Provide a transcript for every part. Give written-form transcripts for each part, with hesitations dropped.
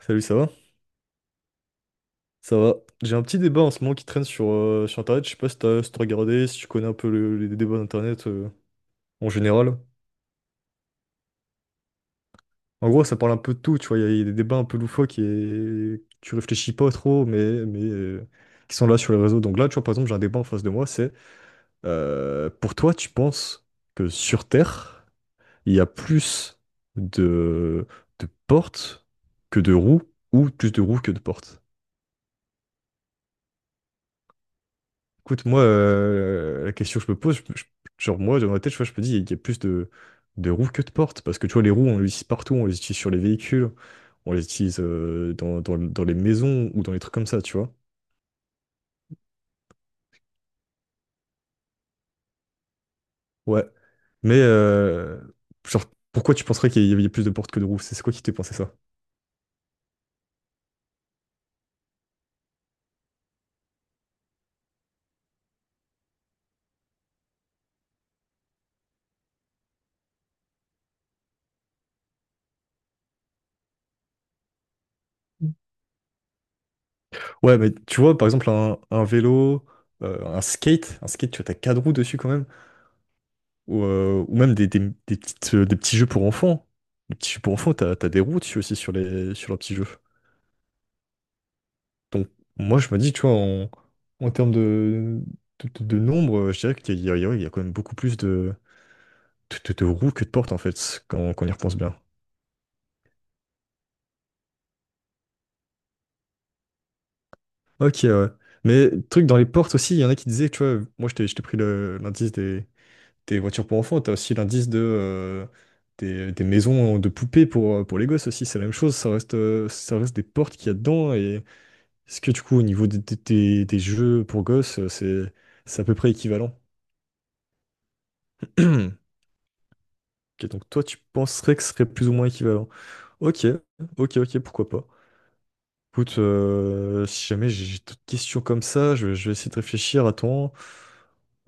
Salut, ça va? Ça va. J'ai un petit débat en ce moment qui traîne sur Internet. Je sais pas si t'as regardé, si tu connais un peu les débats d'Internet en général. En gros, ça parle un peu de tout, tu vois. Il y a des débats un peu loufoques et que tu réfléchis pas trop, mais qui sont là sur les réseaux. Donc là, tu vois, par exemple, j'ai un débat en face de moi, c'est, pour toi, tu penses que sur Terre, il y a plus de, de portes que de roues ou plus de roues que de portes? Écoute, moi, la question que je me pose, genre moi, dans ma tête, tu vois, je me dis, il y a plus de roues que de portes, parce que tu vois, les roues, on les utilise partout, on les utilise sur les véhicules, on les utilise dans les maisons ou dans les trucs comme ça, tu vois. Ouais. Mais, genre, pourquoi tu penserais qu'il y avait plus de portes que de roues? C'est quoi qui t'est pensé ça? Ouais, mais tu vois, par exemple, un vélo, un skate, tu vois, t'as quatre roues dessus quand même, ou même des petits jeux pour enfants. Les petits jeux pour enfants, t'as des roues dessus aussi sur leurs petits jeux. Donc, moi, je me dis, tu vois, en termes de nombre, je dirais qu'il y a, il y a quand même beaucoup plus de roues que de portes, en fait, quand on y repense bien. Ok, ouais. Mais truc dans les portes aussi, il y en a qui disaient, tu vois, moi, je t'ai pris l'indice des tes voitures pour enfants, t'as aussi l'indice des maisons de poupées pour les gosses aussi, c'est la même chose, ça reste des portes qu'il y a dedans, et est-ce que du coup au niveau des jeux pour gosses, c'est à peu près équivalent? Ok, donc toi tu penserais que ce serait plus ou moins équivalent. Ok, ok, ok, pourquoi pas. Écoute, si jamais j'ai d'autres questions comme ça, je vais essayer de réfléchir. Attends.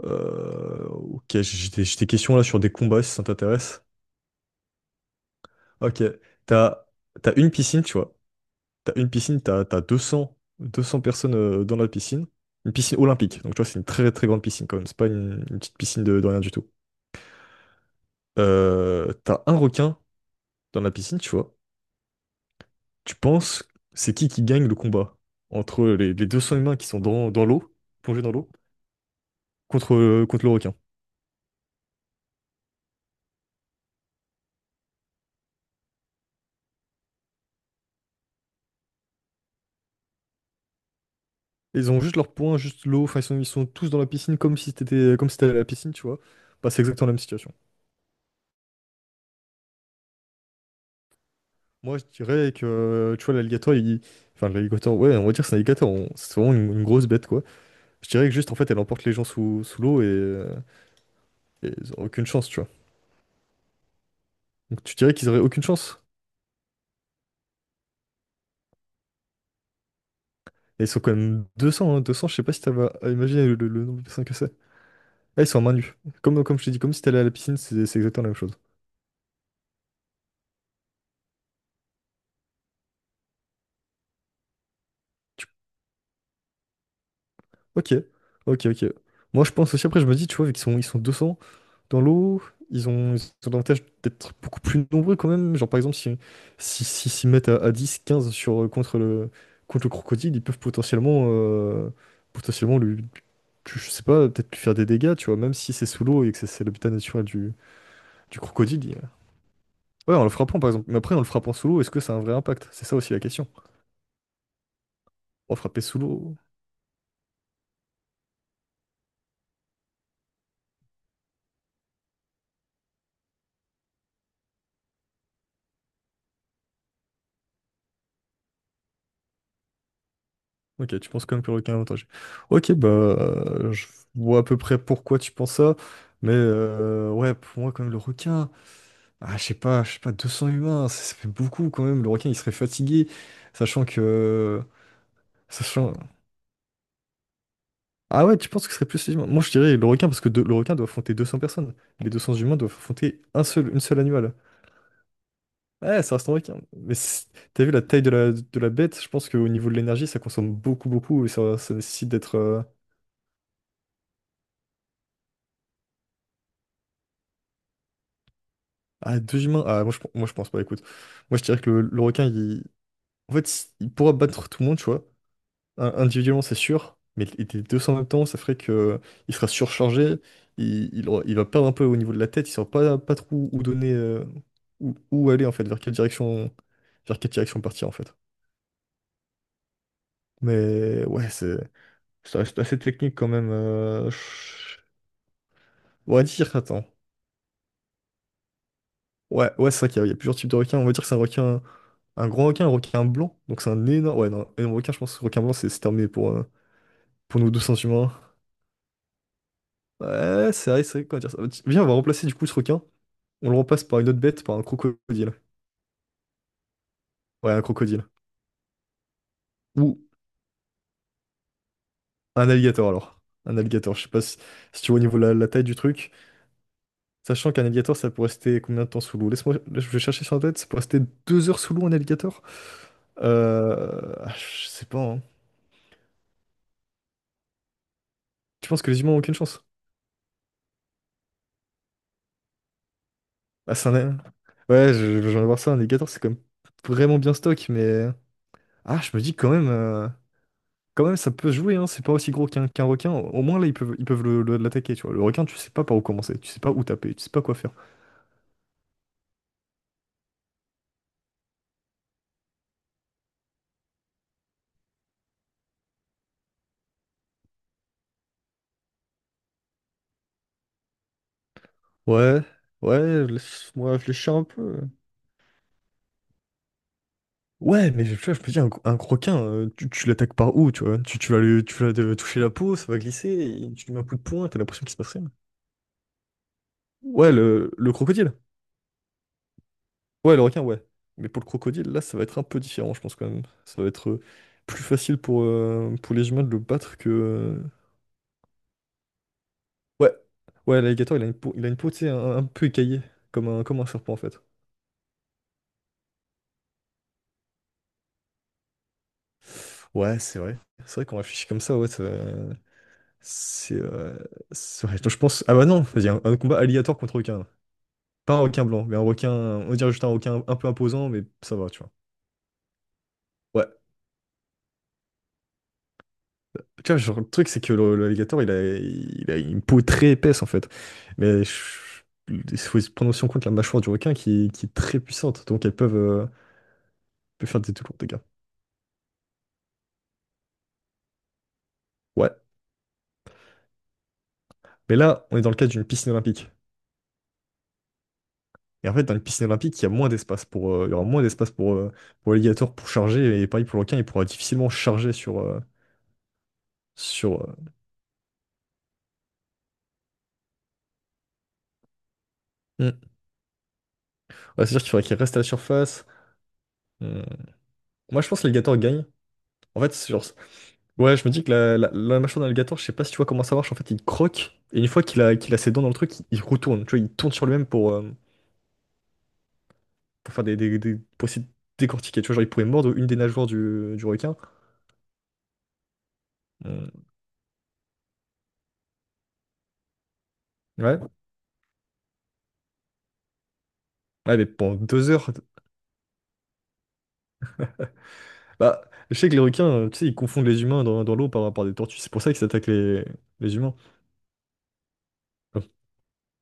Ok, j'ai des questions là sur des combats si ça t'intéresse. Ok, t'as, t'as une piscine, tu vois. T'as une piscine, t'as deux cents personnes dans la piscine. Une piscine olympique. Donc, tu vois, c'est une très, très grande piscine quand même. C'est pas une petite piscine de rien du tout. T'as un requin dans la piscine, tu vois. Tu penses, c'est qui gagne le combat entre les 200 humains qui sont dans l'eau, plongés dans l'eau, contre le requin. Ils ont juste leur poing, juste l'eau. Enfin, ils sont tous dans la piscine comme si t'étais, comme si t'allais à la piscine, tu vois. Bah, c'est exactement la même situation. Moi, je dirais tu vois, l'alligator, il. Enfin, l'alligator, ouais, on va dire que c'est un alligator. C'est vraiment une grosse bête, quoi. Je dirais que juste, en fait, elle emporte les gens sous l'eau et ils ont aucune chance, tu vois. Donc tu dirais qu'ils auraient aucune chance. Et ils sont quand même 200, hein, 200, je sais pas si t'as à imaginer le nombre de personnes que c'est. Ah, ils sont à main nue. Comme je t'ai dit, comme si t'allais à la piscine, c'est exactement la même chose. Ok, ok, ok. Moi, je pense aussi, après, je me dis, tu vois, vu qu'ils sont 200 dans l'eau, ils ont l'avantage d'être beaucoup plus nombreux quand même. Genre, par exemple, s'ils mettent à 10, 15 contre le crocodile, ils peuvent potentiellement lui, je sais pas, peut-être lui faire des dégâts, tu vois, même si c'est sous l'eau et que c'est l'habitat naturel du crocodile. Ouais, en le frappant, par exemple. Mais après, en le frappant sous l'eau, est-ce que ça a un vrai impact? C'est ça aussi la question. On va frapper sous l'eau. Ok, tu penses quand même que le requin a avantage. Ok, bah, je vois à peu près pourquoi tu penses ça, mais ouais, pour moi, quand même, le requin, ah, je sais pas, 200 humains, ça fait beaucoup quand même. Le requin, il serait fatigué, sachant que. Sachant. Ah ouais, tu penses que ce serait plus les humains? Moi, je dirais le requin, parce que le requin doit affronter 200 personnes. Les 200 humains doivent affronter un seul, une seule animal. Ouais, ça reste un requin. Mais t'as vu la taille de la bête? Je pense qu'au niveau de l'énergie, ça consomme beaucoup, beaucoup, et ça nécessite d'être. Ah, deux humains? Ah, moi je pense pas, écoute. Moi je dirais que le requin, il. En fait, il pourra battre tout le monde, tu vois. Individuellement, c'est sûr, mais les deux en même temps, ça ferait que il, sera surchargé, il va perdre un peu au niveau de la tête, il saura pas trop où donner, où aller en fait, vers quelle direction partir en fait. Mais ouais, ça reste assez technique quand même. On va dire, attends. Ouais, ouais, c'est vrai qu'il y a plusieurs types de requins. On va dire que c'est un requin, un grand requin, un requin blanc. Donc c'est un énorme, ouais, non, un énorme requin. Je pense que requin blanc, c'est terminé pour nos deux sens humains. Ouais, c'est vrai, comment dire ça. Viens, on va remplacer du coup ce requin. On le remplace par une autre bête, par un crocodile. Ouais, un crocodile. Ou un alligator alors. Un alligator, je sais pas si tu vois au niveau de la taille du truc. Sachant qu'un alligator, ça peut rester combien de temps sous l'eau? Laisse-moi, je vais chercher sur Internet, ça peut rester 2 heures sous l'eau, un alligator. Ah, je sais pas, hein. Tu penses que les humains ont aucune chance? Ah, c'est un. Ouais, je viens de voir ça, un Légator, c'est quand même vraiment bien stock, mais. Ah, je me dis quand même. Quand même, ça peut se jouer, hein, c'est pas aussi gros qu'un requin. Au moins, là, ils peuvent l'attaquer, tu vois. Le requin, tu sais pas par où commencer, tu sais pas où taper, tu sais pas quoi faire. Ouais, ouais, laisse-moi réfléchir un peu. Ouais, mais tu vois, je me dis, un requin, tu l'attaques par où, tu vois? Tu vas le toucher la peau, ça va glisser, et tu lui mets un coup de poing, t'as l'impression qu'il se passe rien. Ouais, le crocodile. Ouais, le requin, ouais. Mais pour le crocodile, là, ça va être un peu différent, je pense quand même. Ça va être plus facile pour les humains de le battre que. Ouais, ouais, l'alligator, il a une peau, tu sais, un peu écaillée, comme un serpent en fait. Ouais, c'est vrai. C'est vrai qu'on réfléchit comme ça, ouais. C'est. euh, c'est vrai. Donc, je pense. Ah bah non, vas-y, un combat alligator contre requin. Pas un requin blanc, mais un requin. On dirait juste un requin un peu imposant, mais ça va, tu vois. Ouais. Tu vois, genre, le truc, c'est que l'alligator, il a une peau très épaisse, en fait. Mais il faut se prendre aussi en compte la mâchoire du requin qui est très puissante. Donc, elles peuvent faire des tout lourds dégâts. Ouais. Mais là, on est dans le cadre d'une piscine olympique. Et en fait, dans une piscine olympique, il y aura moins d'espace pour l'alligator pour charger. Et pareil pour le requin, il pourra difficilement charger sur. Sur hmm. Ouais, c'est-à-dire qu'il faudrait qu'il reste à la surface. Hmm. Moi, je pense que l'alligator gagne. En fait, c'est genre. Ouais, je me dis que la mâchoire d'un alligator, je sais pas si tu vois comment ça marche, en fait, il croque, et une fois qu'il a ses dents dans le truc, il retourne, tu vois, il tourne sur lui-même pour faire pour essayer de décortiquer, tu vois, genre, il pourrait mordre une des nageoires du requin. Euh, Ouais, ouais, mais pendant 2 heures. Bah, je sais que les requins, tu sais, ils confondent les humains dans l'eau par des tortues, c'est pour ça qu'ils attaquent les humains.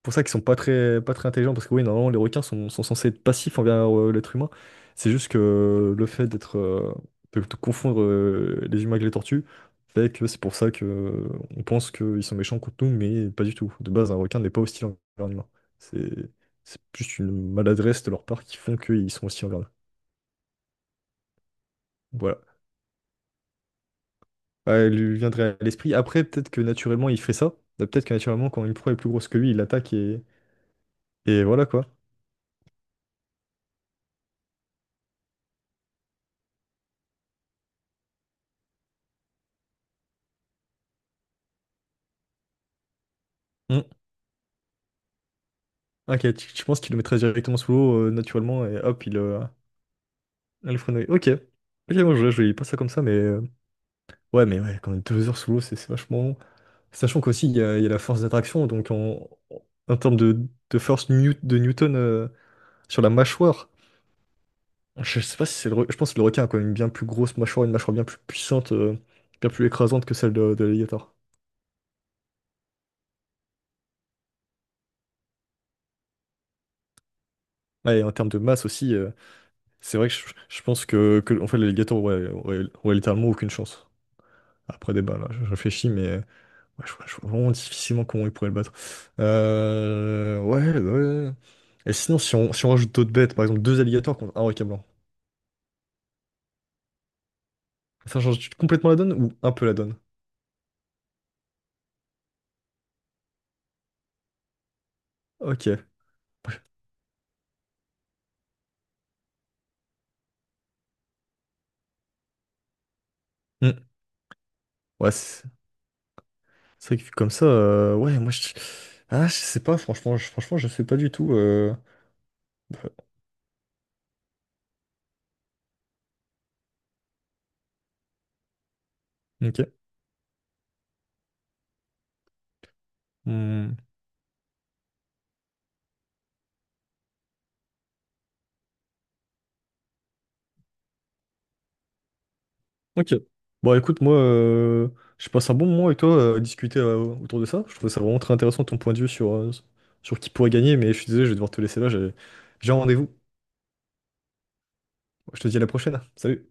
Pour ça qu'ils sont pas très, pas très intelligents, parce que oui, normalement, les requins sont censés être passifs envers l'être humain. C'est juste que le fait d'être, de confondre les humains avec les tortues, fait que c'est pour ça que on pense qu'ils sont méchants contre nous, mais pas du tout. De base, un requin n'est pas hostile envers un humain. C'est, c'est juste une maladresse de leur part qui font qu'ils sont hostiles envers nous. Voilà. Ouais, elle lui viendrait à l'esprit. Après, peut-être que naturellement, il ferait ça. Bah, peut-être que naturellement, quand une proie est plus grosse que lui, il l'attaque et voilà quoi. Ah, ok, tu penses qu'il le mettrait directement sous l'eau naturellement et hop, il, le freinerait. Ok. Ok, moi je voyais pas ça comme ça, mais ouais, mais ouais, quand même 2 heures sous l'eau, c'est vachement long. Sachant qu'aussi, il y a la force d'attraction, donc en termes de force de Newton sur la mâchoire, je sais pas si c'est le. Je pense que le requin a quand même une bien plus grosse mâchoire, une mâchoire bien plus puissante, bien plus écrasante que celle de l'alligator. Ouais, et en termes de masse aussi, c'est vrai que je pense que en fait, l'alligator, ouais, ouais, ouais, littéralement aucune chance. Après débat, là, je réfléchis, mais. Ouais, je vois vraiment difficilement comment ils pourraient le battre. Ouais, ouais. Ouais. Et sinon, si on rajoute d'autres bêtes, par exemple deux alligators contre un requin blanc, ça change complètement la donne ou un peu la donne? Ok. Hmm. Ouais, c'est vrai que vu comme ça, ouais, moi je. Ah, je sais pas, franchement, je sais pas du tout. Bah, ok. Hmm. Ok. Bon, écoute, moi, je passe un bon moment avec toi à discuter autour de ça. Je trouvais ça vraiment très intéressant ton point de vue sur qui pourrait gagner, mais je suis désolé, je vais devoir te laisser là, j'ai un rendez-vous. Je te dis à la prochaine. Salut.